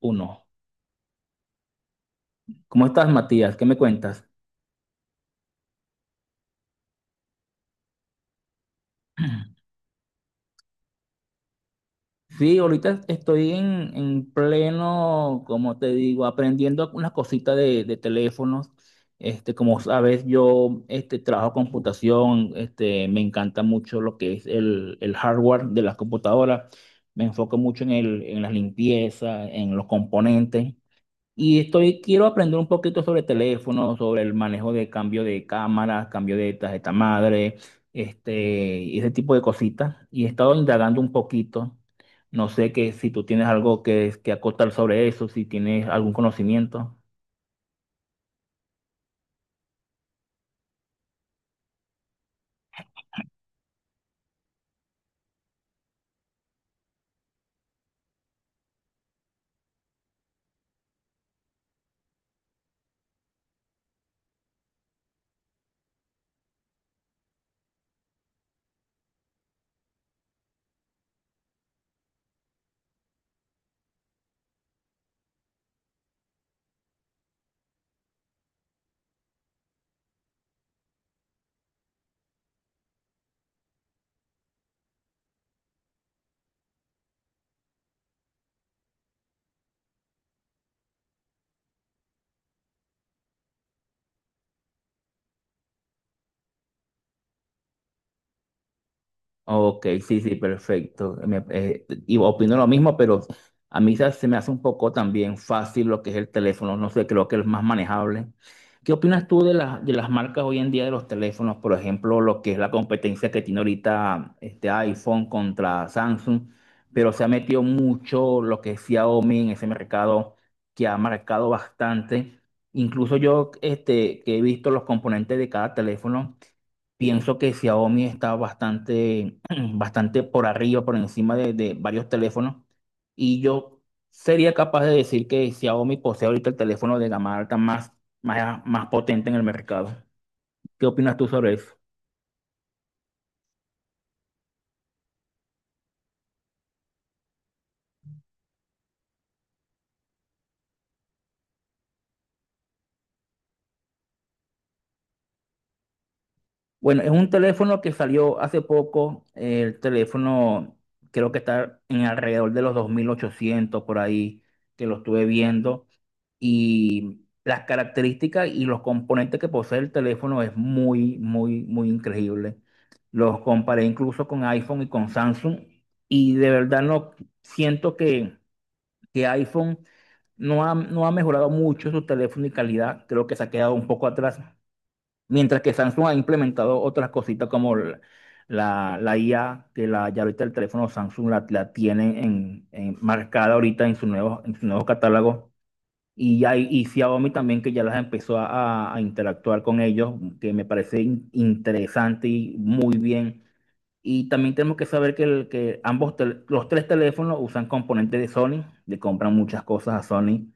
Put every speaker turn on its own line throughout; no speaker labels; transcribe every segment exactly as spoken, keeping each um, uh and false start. Uno. ¿Cómo estás, Matías? ¿Qué me cuentas? Sí, ahorita estoy en, en pleno, como te digo, aprendiendo unas cositas de, de teléfonos. Este, como sabes, yo este, trabajo computación, este, me encanta mucho lo que es el, el hardware de las computadoras. Me enfoco mucho en el, en la limpieza, en los componentes. Y estoy, quiero aprender un poquito sobre teléfono, sobre el manejo de cambio de cámaras, cambio de tarjeta madre, este, y ese tipo de cositas. Y he estado indagando un poquito. No sé que si tú tienes algo que, que acotar sobre eso, si tienes algún conocimiento. Ok, sí, sí, perfecto. Me- eh, y opino lo mismo, pero a mí se se me hace un poco también fácil lo que es el teléfono. No sé, creo que es más manejable. ¿Qué opinas tú de las, de las marcas hoy en día de los teléfonos? Por ejemplo, lo que es la competencia que tiene ahorita este iPhone contra Samsung, pero se ha metido mucho lo que es Xiaomi en ese mercado que ha marcado bastante. Incluso yo este, que he visto los componentes de cada teléfono. Pienso que Xiaomi está bastante, bastante por arriba, por encima de, de varios teléfonos. Y yo sería capaz de decir que Xiaomi posee ahorita el teléfono de gama alta más, más, más potente en el mercado. ¿Qué opinas tú sobre eso? Bueno, es un teléfono que salió hace poco. El teléfono creo que está en alrededor de los dos mil ochocientos por ahí, que lo estuve viendo. Y las características y los componentes que posee el teléfono es muy, muy, muy increíble. Los comparé incluso con iPhone y con Samsung y de verdad no siento que, que iPhone no ha, no ha mejorado mucho su teléfono y calidad, creo que se ha quedado un poco atrás, mientras que Samsung ha implementado otras cositas como la, la, la I A, que la, ya ahorita el teléfono Samsung la, la tiene en, en- marcada ahorita en su nuevo, en su nuevo catálogo. Y, hay, y Xiaomi también que ya las empezó a, a interactuar con ellos, que me parece in- interesante y muy bien. Y también tenemos que saber que, el- que ambos, tel- los tres teléfonos usan componentes de Sony, le compran muchas cosas a Sony.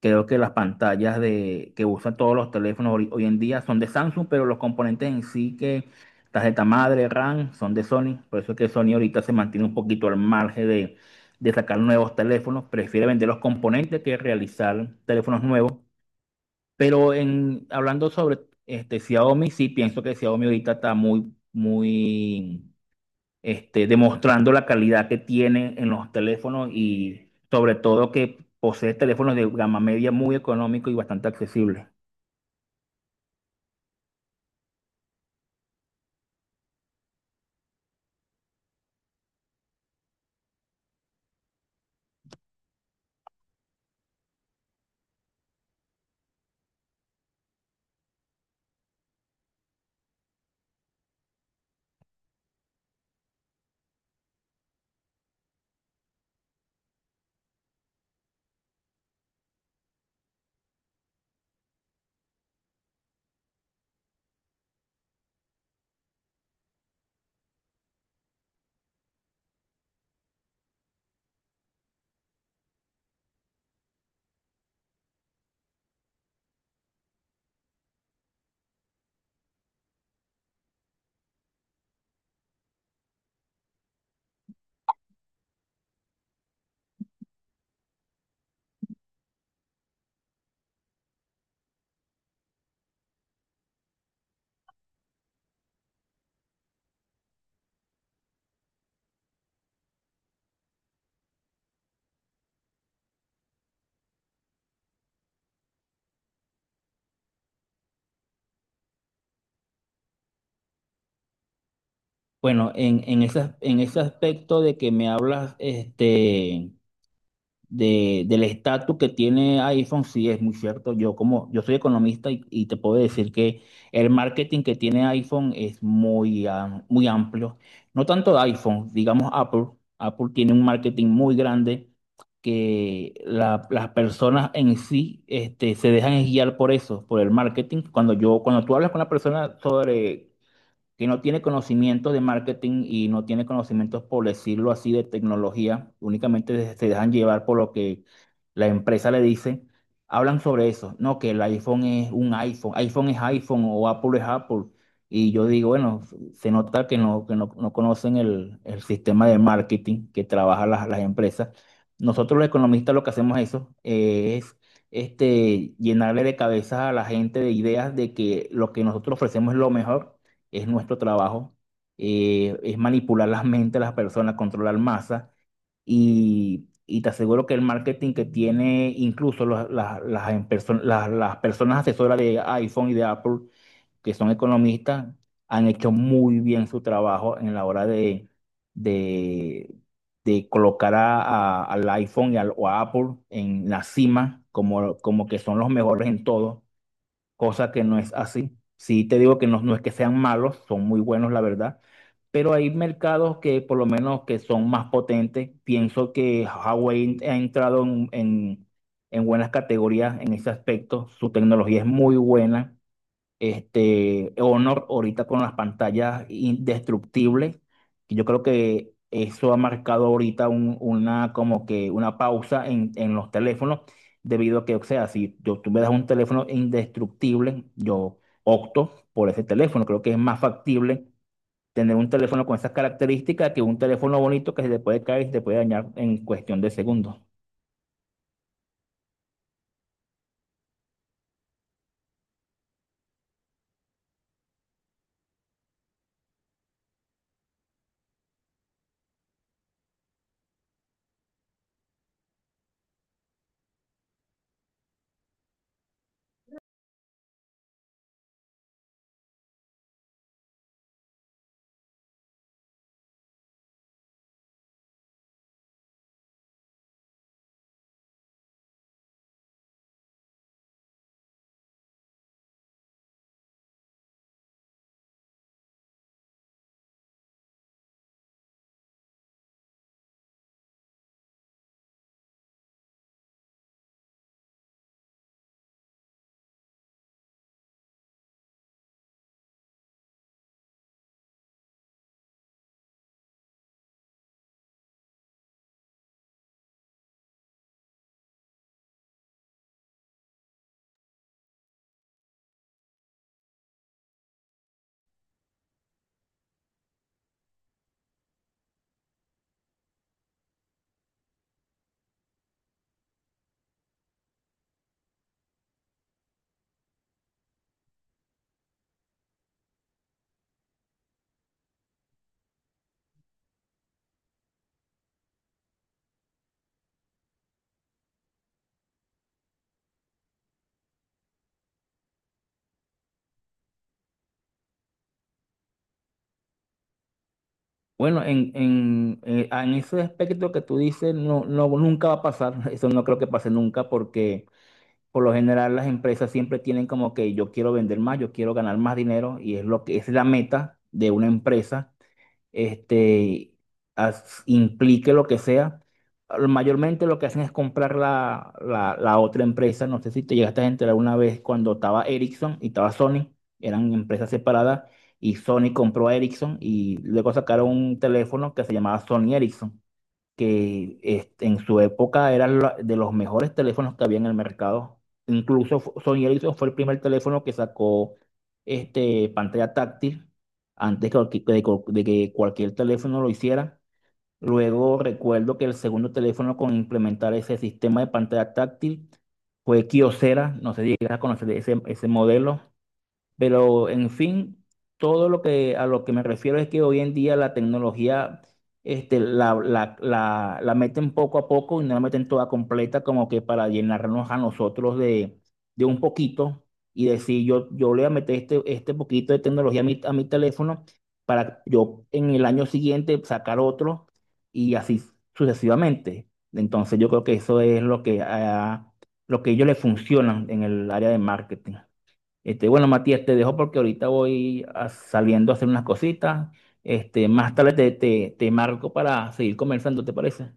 Creo que las pantallas de, que usan todos los teléfonos hoy, hoy en día son de Samsung, pero los componentes en sí que tarjeta madre, RAM, son de Sony. Por eso es que Sony ahorita se mantiene un poquito al margen de, de sacar nuevos teléfonos. Prefiere vender los componentes que realizar teléfonos nuevos. Pero en, hablando sobre este, Xiaomi, sí pienso que Xiaomi ahorita está muy, muy este, demostrando la calidad que tienen en los teléfonos y sobre todo que posee teléfonos de gama media muy económico y bastante accesible. Bueno, en, en ese, en ese aspecto de que me hablas, este, de, del estatus que tiene iPhone, sí es muy cierto. Yo como yo soy economista y, y te puedo decir que el marketing que tiene iPhone es muy, am- muy amplio. No tanto de iPhone, digamos Apple. Apple tiene un marketing muy grande que la- las personas en sí este, se dejan guiar por eso, por el marketing. Cuando yo, cuando tú hablas con una persona sobre que no tiene conocimiento de marketing y no tiene conocimientos, por decirlo así, de tecnología, únicamente se dejan llevar por lo que la empresa le dice, hablan sobre eso, no, que el iPhone es un iPhone, iPhone es iPhone o Apple es Apple. Y yo digo, bueno, se nota que no, que no, no conocen el, el sistema de marketing que trabajan las, las empresas. Nosotros los economistas lo que hacemos eso eh, es este, llenarle de cabeza a la gente de ideas de que lo que nosotros ofrecemos es lo mejor es nuestro trabajo, eh, es manipular las mentes de las personas, controlar masa y, y te aseguro que el marketing que tiene incluso los- las, las en perso- las- las personas asesoras de iPhone y de Apple, que son economistas, han hecho muy bien su trabajo en la hora de, de, de colocar a- a- al iPhone y al, o a Apple en la cima, como, como que son los mejores en todo cosa que no es así. Sí te digo que no, no es que sean malos, son muy buenos, la verdad, pero hay mercados que por lo menos que son más potentes. Pienso que Huawei ha entrado en, en en buenas categorías en ese aspecto. Su tecnología es muy buena. Este, Honor ahorita con las pantallas indestructibles, que yo creo que eso ha marcado ahorita un- una como que una pausa en, en los teléfonos, debido a que, o sea, si yo, tú me das un teléfono indestructible, yo opto por ese teléfono. Creo que es más factible tener un teléfono con esas características que un teléfono bonito que se te puede caer y se te puede dañar en cuestión de segundos. Bueno, en, en, eh, en ese aspecto que tú dices, no, no, nunca va a pasar, eso no creo que pase nunca, porque por lo general las empresas siempre tienen como que yo quiero vender más, yo quiero ganar más dinero, y es lo que es la meta de una empresa este, as- implique lo que sea. Mayormente lo que hacen es comprar la, la, la otra empresa. No sé si te llegaste a enterar una vez cuando estaba Ericsson y estaba Sony, eran empresas separadas, y Sony compró a Ericsson y luego sacaron un teléfono que se llamaba Sony Ericsson que este, en su época era la- de los mejores teléfonos que había en el mercado. Incluso fu- Sony Ericsson fue el primer teléfono que sacó este, pantalla táctil antes que, cualqui- de cu- de que cualquier teléfono lo hiciera. Luego recuerdo que el segundo teléfono con implementar ese sistema de pantalla táctil fue Kyocera, no sé si llegas a conocer ese, ese modelo. Pero en fin, todo lo que a lo que me refiero es que hoy en día la tecnología este, la, la, la, la meten poco a poco y no la meten toda completa, como que para llenarnos a nosotros de, de un poquito y decir yo, yo le voy a meter este, este poquito de tecnología a mi, a mi teléfono para yo en el año siguiente sacar otro y así sucesivamente. Entonces yo creo que eso es lo que, a lo que a ellos les funcionan en el área de marketing. Este, bueno, Matías, te dejo porque ahorita voy a- saliendo a hacer unas cositas. Este, más tarde te, te, te marco para seguir conversando, ¿te parece?